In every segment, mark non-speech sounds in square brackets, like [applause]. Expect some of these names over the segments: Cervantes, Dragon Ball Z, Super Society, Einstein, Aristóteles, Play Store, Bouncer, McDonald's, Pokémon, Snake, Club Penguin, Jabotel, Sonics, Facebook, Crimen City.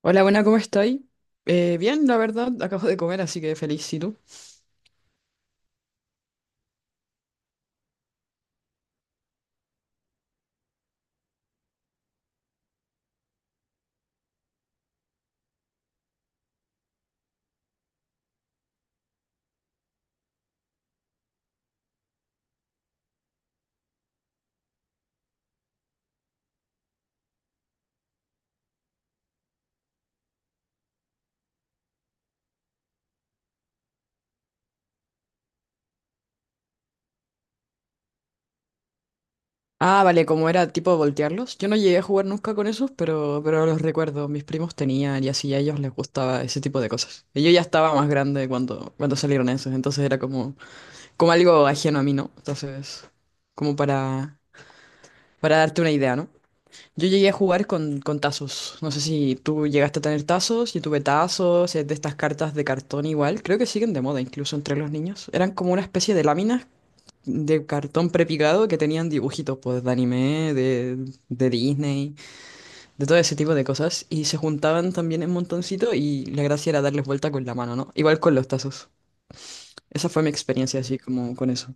Hola, buena, ¿cómo estáis? Bien, la verdad, acabo de comer, así que feliz, ¿y tú? Ah, vale, como era tipo voltearlos. Yo no llegué a jugar nunca con esos, pero los recuerdo. Mis primos tenían y así a ellos les gustaba ese tipo de cosas. Y yo ya estaba más grande cuando salieron esos, entonces era como, como algo ajeno a mí, ¿no? Entonces, como para, para darte una idea, ¿no? Yo llegué a jugar con tazos. No sé si tú llegaste a tener tazos, yo tuve tazos, es de estas cartas de cartón igual. Creo que siguen de moda incluso entre los niños. Eran como una especie de láminas de cartón prepicado que tenían dibujitos pues de anime, de Disney, de todo ese tipo de cosas y se juntaban también en montoncito y la gracia era darles vuelta con la mano, ¿no? Igual con los tazos. Esa fue mi experiencia así como con eso.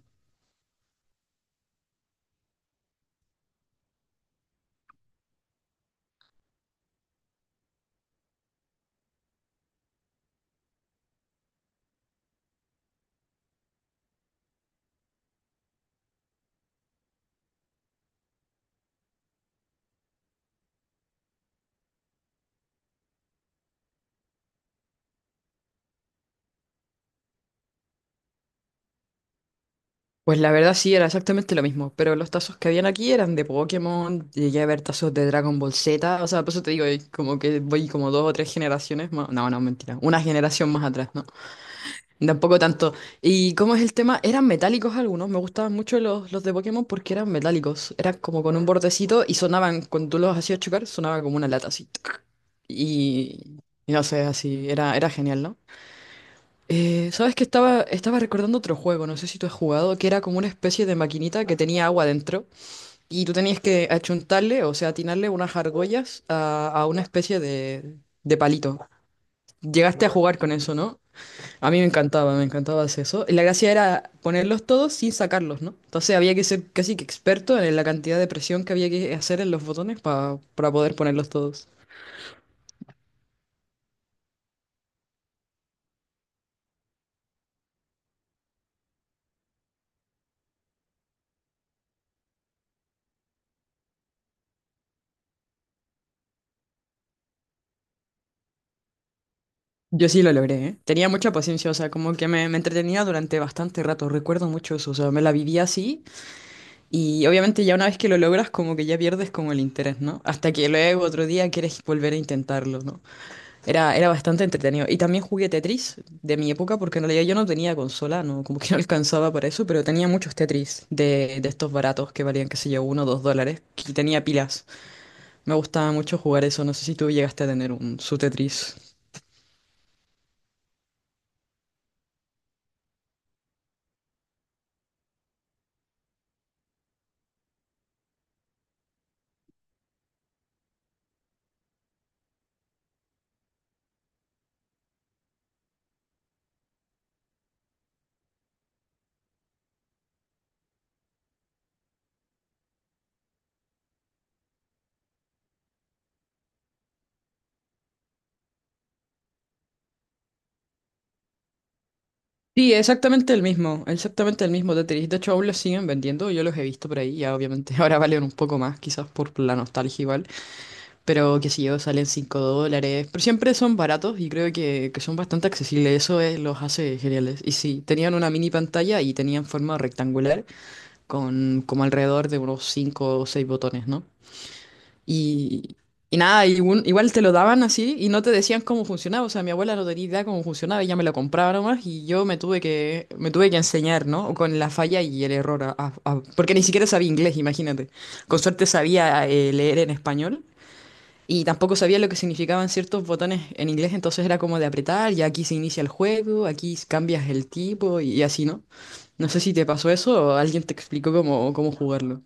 Pues la verdad sí, era exactamente lo mismo, pero los tazos que habían aquí eran de Pokémon, llegué a ver tazos de Dragon Ball Z, o sea, por eso te digo, como que voy como dos o tres generaciones más, no, no, mentira, una generación más atrás, ¿no? Tampoco tanto. ¿Y cómo es el tema? Eran metálicos algunos. Me gustaban mucho los de Pokémon porque eran metálicos. Eran como con un bordecito y sonaban, cuando tú los hacías chocar, sonaba como una lata así. Tuc. Y, y no sé, así. Era genial, ¿no? ¿Sabes que estaba recordando otro juego, no sé si tú has jugado, que era como una especie de maquinita que tenía agua dentro y tú tenías que achuntarle, o sea, atinarle unas argollas a una especie de palito. Llegaste a jugar con eso, ¿no? A mí me encantaba hacer eso. La gracia era ponerlos todos sin sacarlos, ¿no? Entonces había que ser casi que experto en la cantidad de presión que había que hacer en los botones para poder ponerlos todos. Yo sí lo logré, ¿eh? Tenía mucha paciencia, o sea, como que me entretenía durante bastante rato, recuerdo mucho eso, o sea, me la vivía así y obviamente ya una vez que lo logras como que ya pierdes como el interés, ¿no? Hasta que luego otro día quieres volver a intentarlo, ¿no? Era bastante entretenido. Y también jugué Tetris de mi época, porque en realidad yo no tenía consola, no, como que no [laughs] alcanzaba para eso, pero tenía muchos Tetris de estos baratos que valían, qué sé yo, uno o dos dólares, y tenía pilas. Me gustaba mucho jugar eso, no sé si tú llegaste a tener un, su Tetris. Sí, exactamente el mismo Tetris. De hecho, aún los siguen vendiendo, yo los he visto por ahí, ya obviamente [laughs] ahora valen un poco más, quizás por la nostalgia igual. Pero qué sé yo, salen 5 dólares. Pero siempre son baratos y creo que son bastante accesibles. Eso es- los hace geniales. Y sí, tenían una mini pantalla y tenían forma rectangular con como alrededor de unos 5 o 6 botones, ¿no? Y, y nada, y un- igual te lo daban así y no te decían cómo funcionaba. O sea, mi abuela no tenía idea cómo funcionaba, ella me lo compraba nomás y yo me tuve me tuve que enseñar, ¿no? Con la falla y el error. Porque ni siquiera sabía inglés, imagínate. Con suerte sabía leer en español. Y tampoco sabía lo que significaban ciertos botones en inglés, entonces era como de apretar, y aquí se inicia el juego, aquí cambias el tipo y así, ¿no? No sé si te pasó eso o alguien te explicó cómo jugarlo.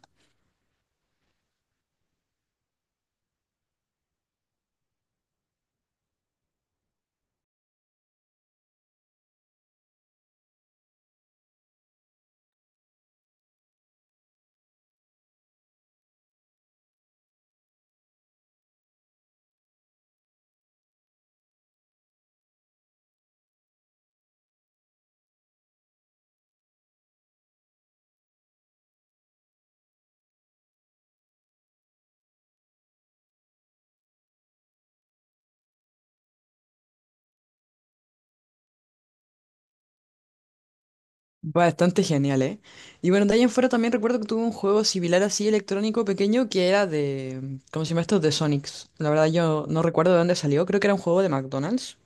Bastante genial, ¿eh? Y bueno, de ahí en fuera también recuerdo que tuve un juego similar así electrónico pequeño que era de… ¿Cómo se llama esto? De Sonics. La verdad yo no recuerdo de dónde salió, creo que era un juego de McDonald's.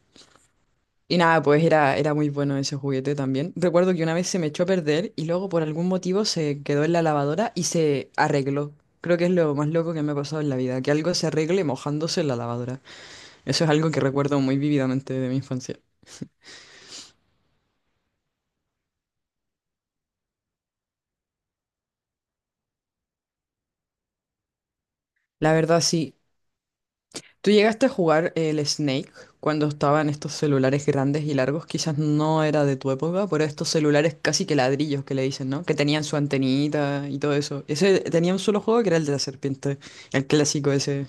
Y nada, pues era muy bueno ese juguete también. Recuerdo que una vez se me echó a perder y luego por algún motivo se quedó en la lavadora y se arregló. Creo que es lo más loco que me ha pasado en la vida, que algo se arregle mojándose en la lavadora. Eso es algo que recuerdo muy vívidamente de mi infancia. La verdad, sí. ¿Tú llegaste a jugar el Snake cuando estaban estos celulares grandes y largos? Quizás no era de tu época, pero estos celulares casi que ladrillos que le dicen, ¿no? Que tenían su antenita y todo eso. Ese tenía un solo juego que era el de la serpiente, el clásico ese.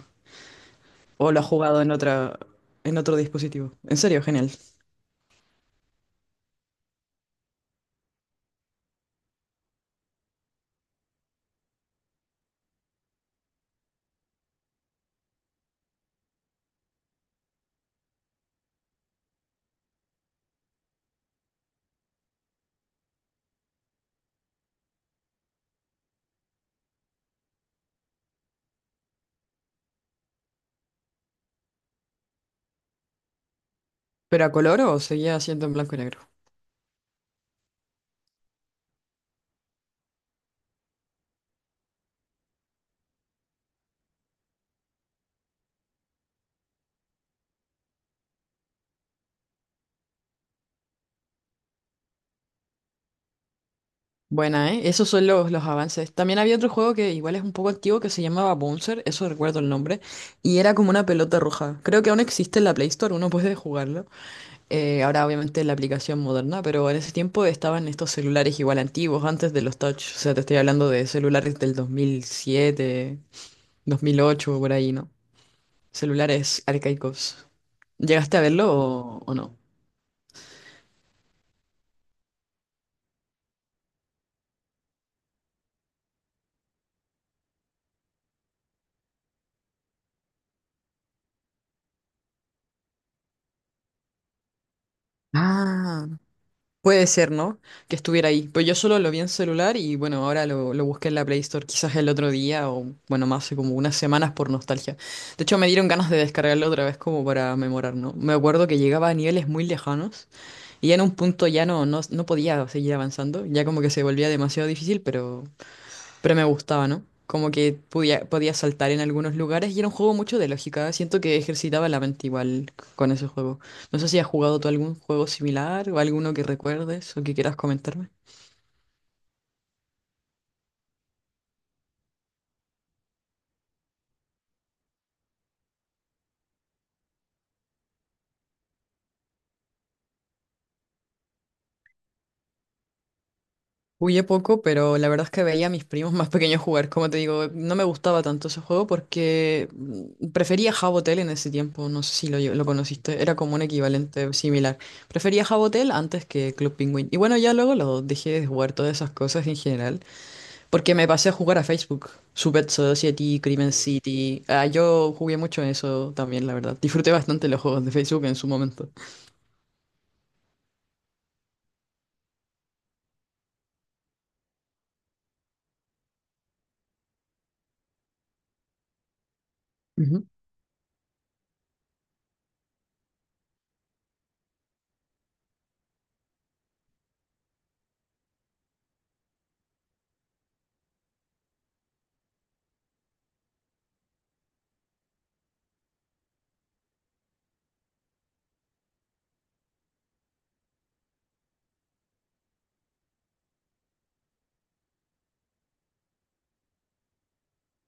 O lo has jugado en otra, en otro dispositivo. En serio, genial. ¿Pero a color o seguía siendo en blanco y negro? Buena, ¿eh? Esos son los avances. También había otro juego que igual es un poco antiguo que se llamaba Bouncer, eso recuerdo el nombre, y era como una pelota roja. Creo que aún existe en la Play Store, uno puede jugarlo. Ahora obviamente en la aplicación moderna, pero en ese tiempo estaban estos celulares igual antiguos, antes de los touch. O sea, te estoy hablando de celulares del 2007, 2008, por ahí, ¿no? Celulares arcaicos. ¿Llegaste a verlo o no? Ah, puede ser, ¿no? Que estuviera ahí. Pues yo solo lo vi en celular y bueno, ahora lo busqué en la Play Store quizás el otro día o bueno, más hace como unas semanas por nostalgia. De hecho, me dieron ganas de descargarlo otra vez como para memorar, ¿no? Me acuerdo que llegaba a niveles muy lejanos y ya en un punto ya no podía seguir avanzando, ya como que se volvía demasiado difícil, pero… Pero me gustaba, ¿no? Como que podía saltar en algunos lugares y era un juego mucho de lógica. Siento que ejercitaba la mente igual con ese juego. No sé si has jugado tú algún juego similar o alguno que recuerdes o que quieras comentarme. Jugué poco, pero la verdad es que veía a mis primos más [laughs] pequeños jugar. Como te digo, no me gustaba tanto ese juego porque prefería Jabotel en ese tiempo. No sé si lo, lo conociste. Era como un equivalente similar. Prefería Jabotel antes que Club Penguin. Y bueno, ya luego lo dejé de jugar todas esas cosas en general. Porque me pasé a jugar a Facebook. Super Society, Crimen City. Ah, yo jugué mucho en eso también, la verdad. Disfruté bastante los juegos de Facebook en su momento. Ujú.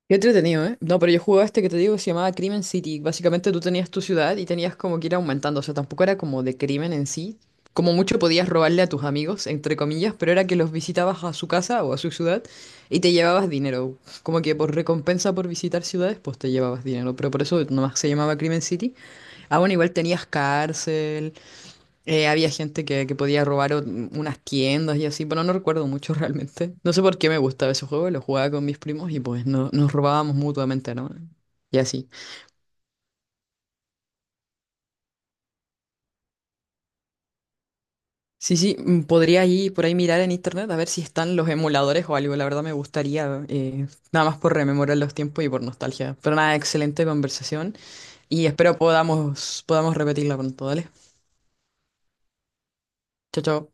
Qué entretenido, ¿eh? No, pero yo jugaba este que te digo que se llamaba Crimen City. Básicamente tú tenías tu ciudad y tenías como que ir aumentando. O sea, tampoco era como de crimen en sí. Como mucho podías robarle a tus amigos, entre comillas, pero era que los visitabas a su casa o a su ciudad y te llevabas dinero. Como que por recompensa por visitar ciudades, pues te llevabas dinero. Pero por eso nomás se llamaba Crimen City. Ah, bueno, igual tenías cárcel, había gente que podía robar unas tiendas y así, bueno, no recuerdo mucho [laughs] realmente. No sé por qué me gustaba ese juego, lo jugaba con mis primos y pues no, nos robábamos mutuamente, ¿no? Y así. Sí, podría ir por ahí mirar en internet a ver si están los emuladores o algo, la verdad me gustaría, nada más por rememorar los tiempos y por nostalgia. Pero nada, excelente conversación y espero podamos repetirla pronto, ¿vale? Chao, chao.